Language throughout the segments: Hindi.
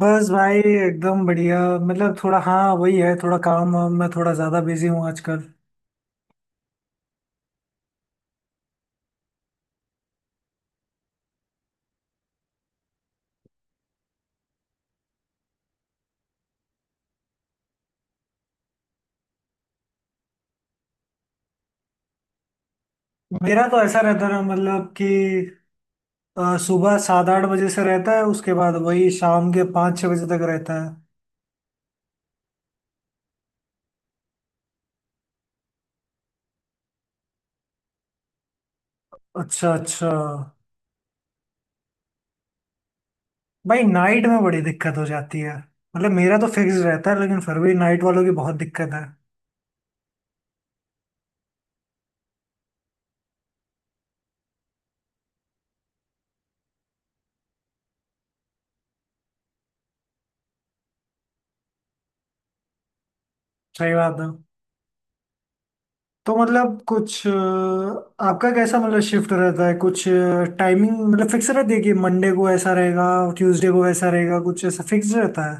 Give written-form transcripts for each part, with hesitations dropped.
बस भाई एकदम बढ़िया। मतलब थोड़ा हाँ वही है, थोड़ा काम वाम में थोड़ा ज्यादा बिजी हूँ आजकल। मेरा तो ऐसा रहता है मतलब कि सुबह 7-8 बजे से रहता है, उसके बाद वही शाम के 5-6 बजे तक रहता है। अच्छा अच्छा। भाई नाइट में बड़ी दिक्कत हो जाती है, मतलब मेरा तो फिक्स रहता है लेकिन फिर भी नाइट वालों की बहुत दिक्कत है। सही बात है। तो मतलब कुछ आपका कैसा मतलब शिफ्ट रहता है, कुछ टाइमिंग मतलब फिक्स रहती है कि मंडे को ऐसा रहेगा, ट्यूसडे को ऐसा रहेगा, कुछ ऐसा फिक्स रहता है?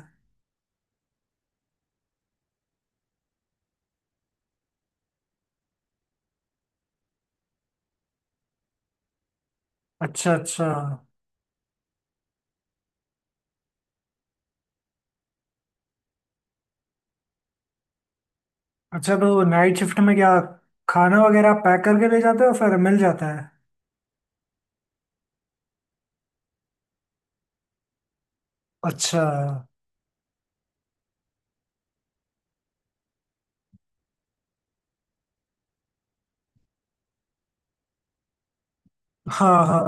अच्छा अच्छा। अच्छा तो नाइट शिफ्ट में क्या खाना वगैरह पैक करके ले जाते हो, फिर मिल जाता है? अच्छा। हाँ हाँ।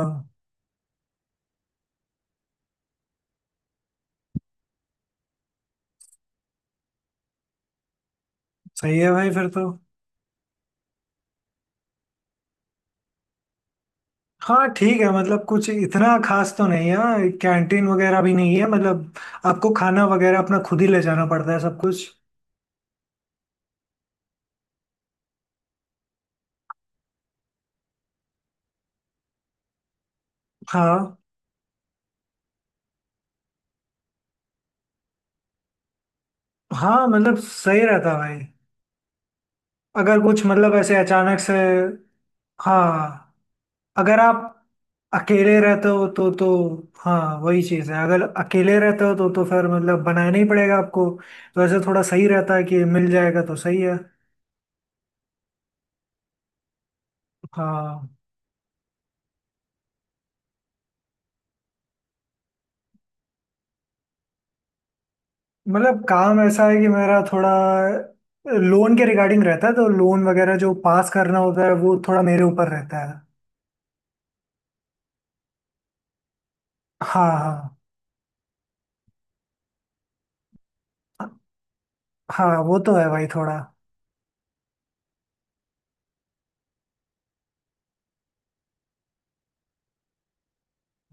सही है भाई फिर तो। हाँ ठीक है, मतलब कुछ इतना खास तो नहीं है, कैंटीन वगैरह भी नहीं है, मतलब आपको खाना वगैरह अपना खुद ही ले जाना पड़ता है सब कुछ। हाँ हाँ मतलब सही रहता है भाई। अगर कुछ मतलब ऐसे अचानक से। हाँ अगर आप अकेले रहते हो तो तो। हाँ वही चीज़ है, अगर अकेले रहते हो तो फिर मतलब बनाना ही पड़ेगा आपको। तो ऐसे थोड़ा सही रहता है कि मिल जाएगा तो सही है। हाँ। मतलब काम ऐसा है कि मेरा थोड़ा लोन के रिगार्डिंग रहता है, तो लोन वगैरह जो पास करना होता है वो थोड़ा मेरे ऊपर रहता है। हाँ हाँ। हाँ वो तो है भाई थोड़ा।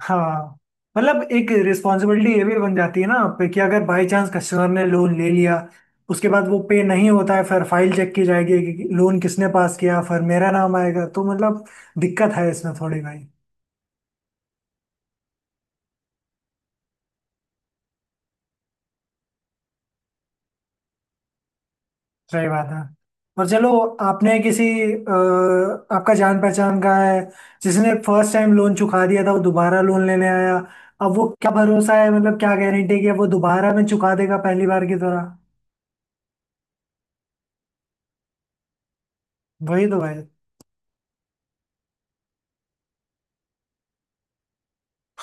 हाँ मतलब एक रिस्पॉन्सिबिलिटी ये भी बन जाती है ना आप पे, कि अगर बाई चांस कस्टमर ने लोन ले लिया, उसके बाद वो पे नहीं होता है, फिर फाइल चेक की जाएगी कि लोन किसने पास किया, फिर मेरा नाम आएगा, तो मतलब दिक्कत है इसमें थोड़ी भाई। सही बात है। और चलो आपने किसी आपका जान पहचान का है जिसने फर्स्ट टाइम लोन चुका दिया था, वो दोबारा लोन लेने आया। अब वो क्या भरोसा है, मतलब क्या गारंटी है कि अब वो दोबारा में चुका देगा पहली बार की तरह? वही तो भाई।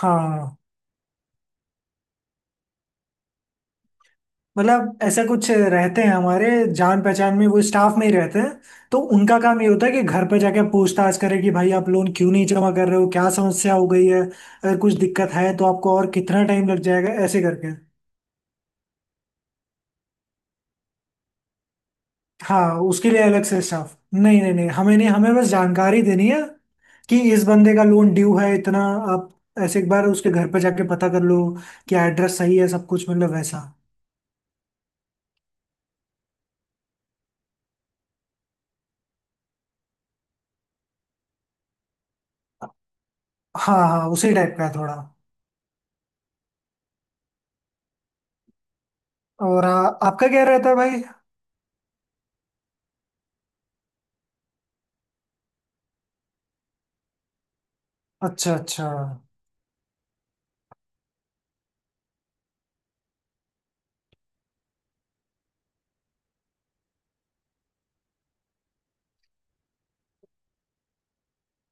हाँ मतलब ऐसा कुछ रहते हैं हमारे, जान पहचान में वो स्टाफ में ही रहते हैं। तो उनका काम ये होता है कि घर पे जाके पूछताछ करें कि भाई आप लोन क्यों नहीं जमा कर रहे हो, क्या समस्या हो गई है, अगर कुछ दिक्कत है तो आपको और कितना टाइम लग जाएगा, ऐसे करके। हाँ उसके लिए अलग से स्टाफ नहीं, नहीं नहीं हमें नहीं, हमें बस जानकारी देनी है कि इस बंदे का लोन ड्यू है इतना, आप ऐसे एक बार उसके घर पे जाके पता कर लो कि एड्रेस सही है सब कुछ मतलब वैसा। हाँ हाँ उसी टाइप का है थोड़ा। और आपका क्या रहता है भाई? अच्छा अच्छा।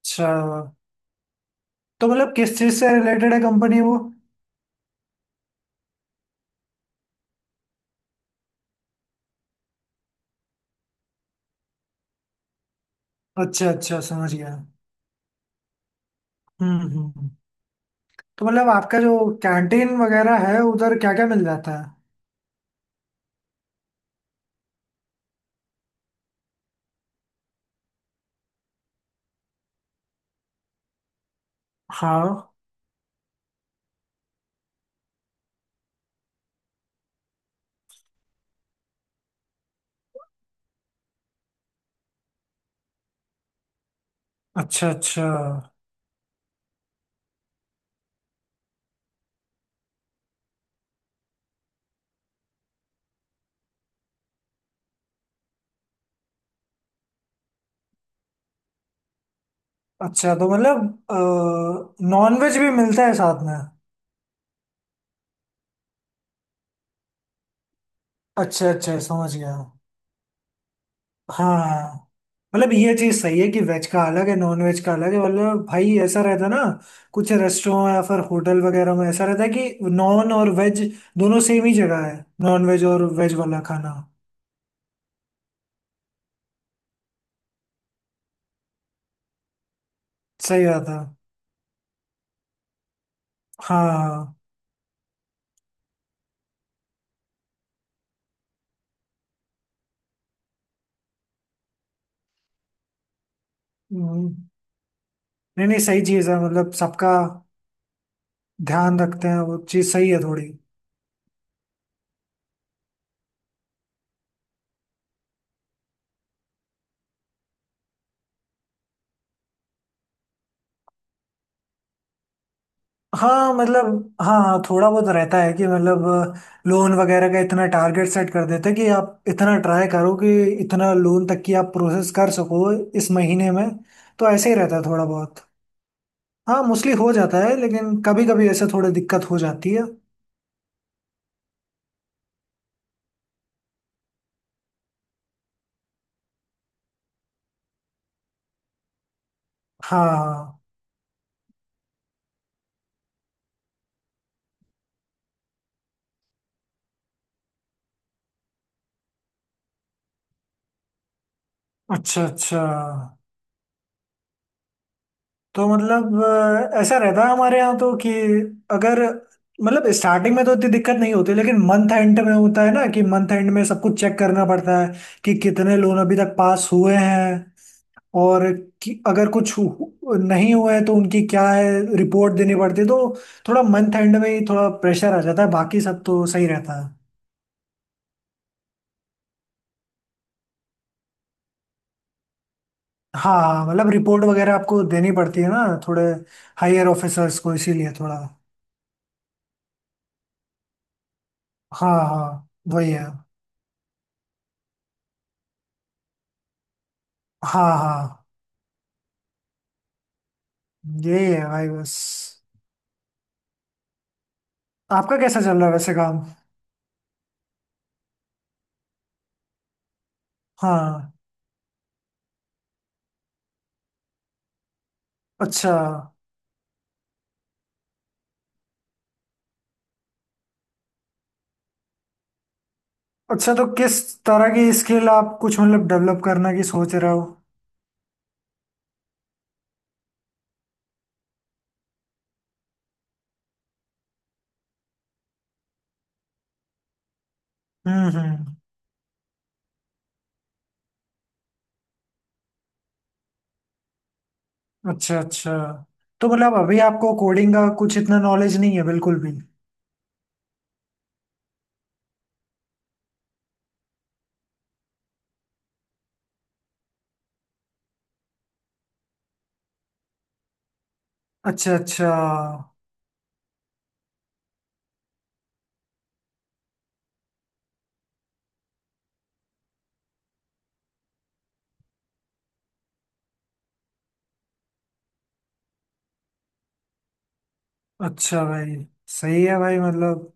अच्छा तो मतलब किस चीज से रिलेटेड है कंपनी वो? अच्छा अच्छा समझ गया। हम्म हम्म हम्म। तो मतलब आपका जो कैंटीन वगैरह है उधर क्या क्या मिल जाता है? हाँ। अच्छा अच्छा। अच्छा तो मतलब नॉन वेज भी मिलता है साथ में? अच्छा अच्छा समझ गया। हाँ मतलब ये चीज सही है कि वेज का अलग है नॉन वेज का अलग है, मतलब भाई ऐसा रहता है ना, कुछ रेस्टोरेंट या फिर होटल वगैरह में ऐसा रहता है कि नॉन और वेज दोनों सेम ही जगह है, नॉन वेज और वेज वाला खाना। सही बात है। हाँ हम्म। नहीं नहीं सही चीज है, मतलब सबका ध्यान रखते हैं, वो चीज सही है थोड़ी। हाँ मतलब। हाँ हाँ थोड़ा बहुत रहता है कि मतलब लोन वगैरह का इतना टारगेट सेट कर देते हैं कि आप इतना ट्राई करो कि इतना लोन तक की आप प्रोसेस कर सको इस महीने में। तो ऐसे ही रहता है थोड़ा बहुत। हाँ मोस्टली हो जाता है लेकिन कभी कभी ऐसे थोड़ी दिक्कत हो जाती है। हाँ हाँ। अच्छा अच्छा। तो मतलब ऐसा रहता है हमारे यहाँ तो कि अगर मतलब स्टार्टिंग में तो इतनी दिक्कत नहीं होती लेकिन मंथ एंड में होता है ना, कि मंथ एंड में सब कुछ चेक करना पड़ता है कि कितने लोन अभी तक पास हुए हैं, और कि अगर कुछ नहीं हुए हैं तो उनकी क्या है रिपोर्ट देनी पड़ती है, तो थोड़ा मंथ एंड में ही थोड़ा प्रेशर आ जाता है, बाकी सब तो सही रहता है। हाँ हाँ, मतलब रिपोर्ट वगैरह आपको देनी पड़ती है ना थोड़े हायर ऑफिसर्स को इसीलिए थोड़ा। हाँ हाँ वही है। हाँ हाँ। यही है भाई बस। आपका कैसा चल रहा है वैसे काम? हाँ। अच्छा अच्छा। तो किस तरह की स्किल आप कुछ मतलब डेवलप करने की सोच रहे हो? हम्म। अच्छा अच्छा। तो मतलब अभी आपको कोडिंग का कुछ इतना नॉलेज नहीं है बिल्कुल भी? अच्छा अच्छा। अच्छा भाई। सही है भाई मतलब।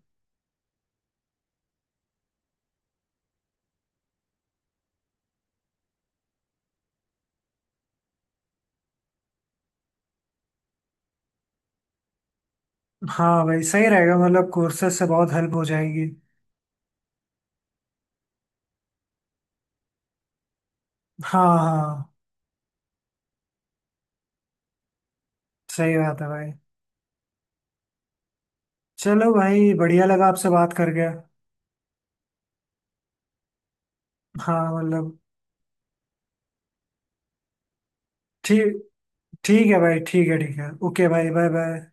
हाँ भाई सही रहेगा, मतलब कोर्सेज से बहुत हेल्प हो जाएगी। हाँ हाँ सही बात है भाई। चलो भाई बढ़िया लगा आपसे बात करके। हाँ मतलब। ठीक। ठीक है भाई, ठीक है ठीक है, ओके भाई, बाय बाय।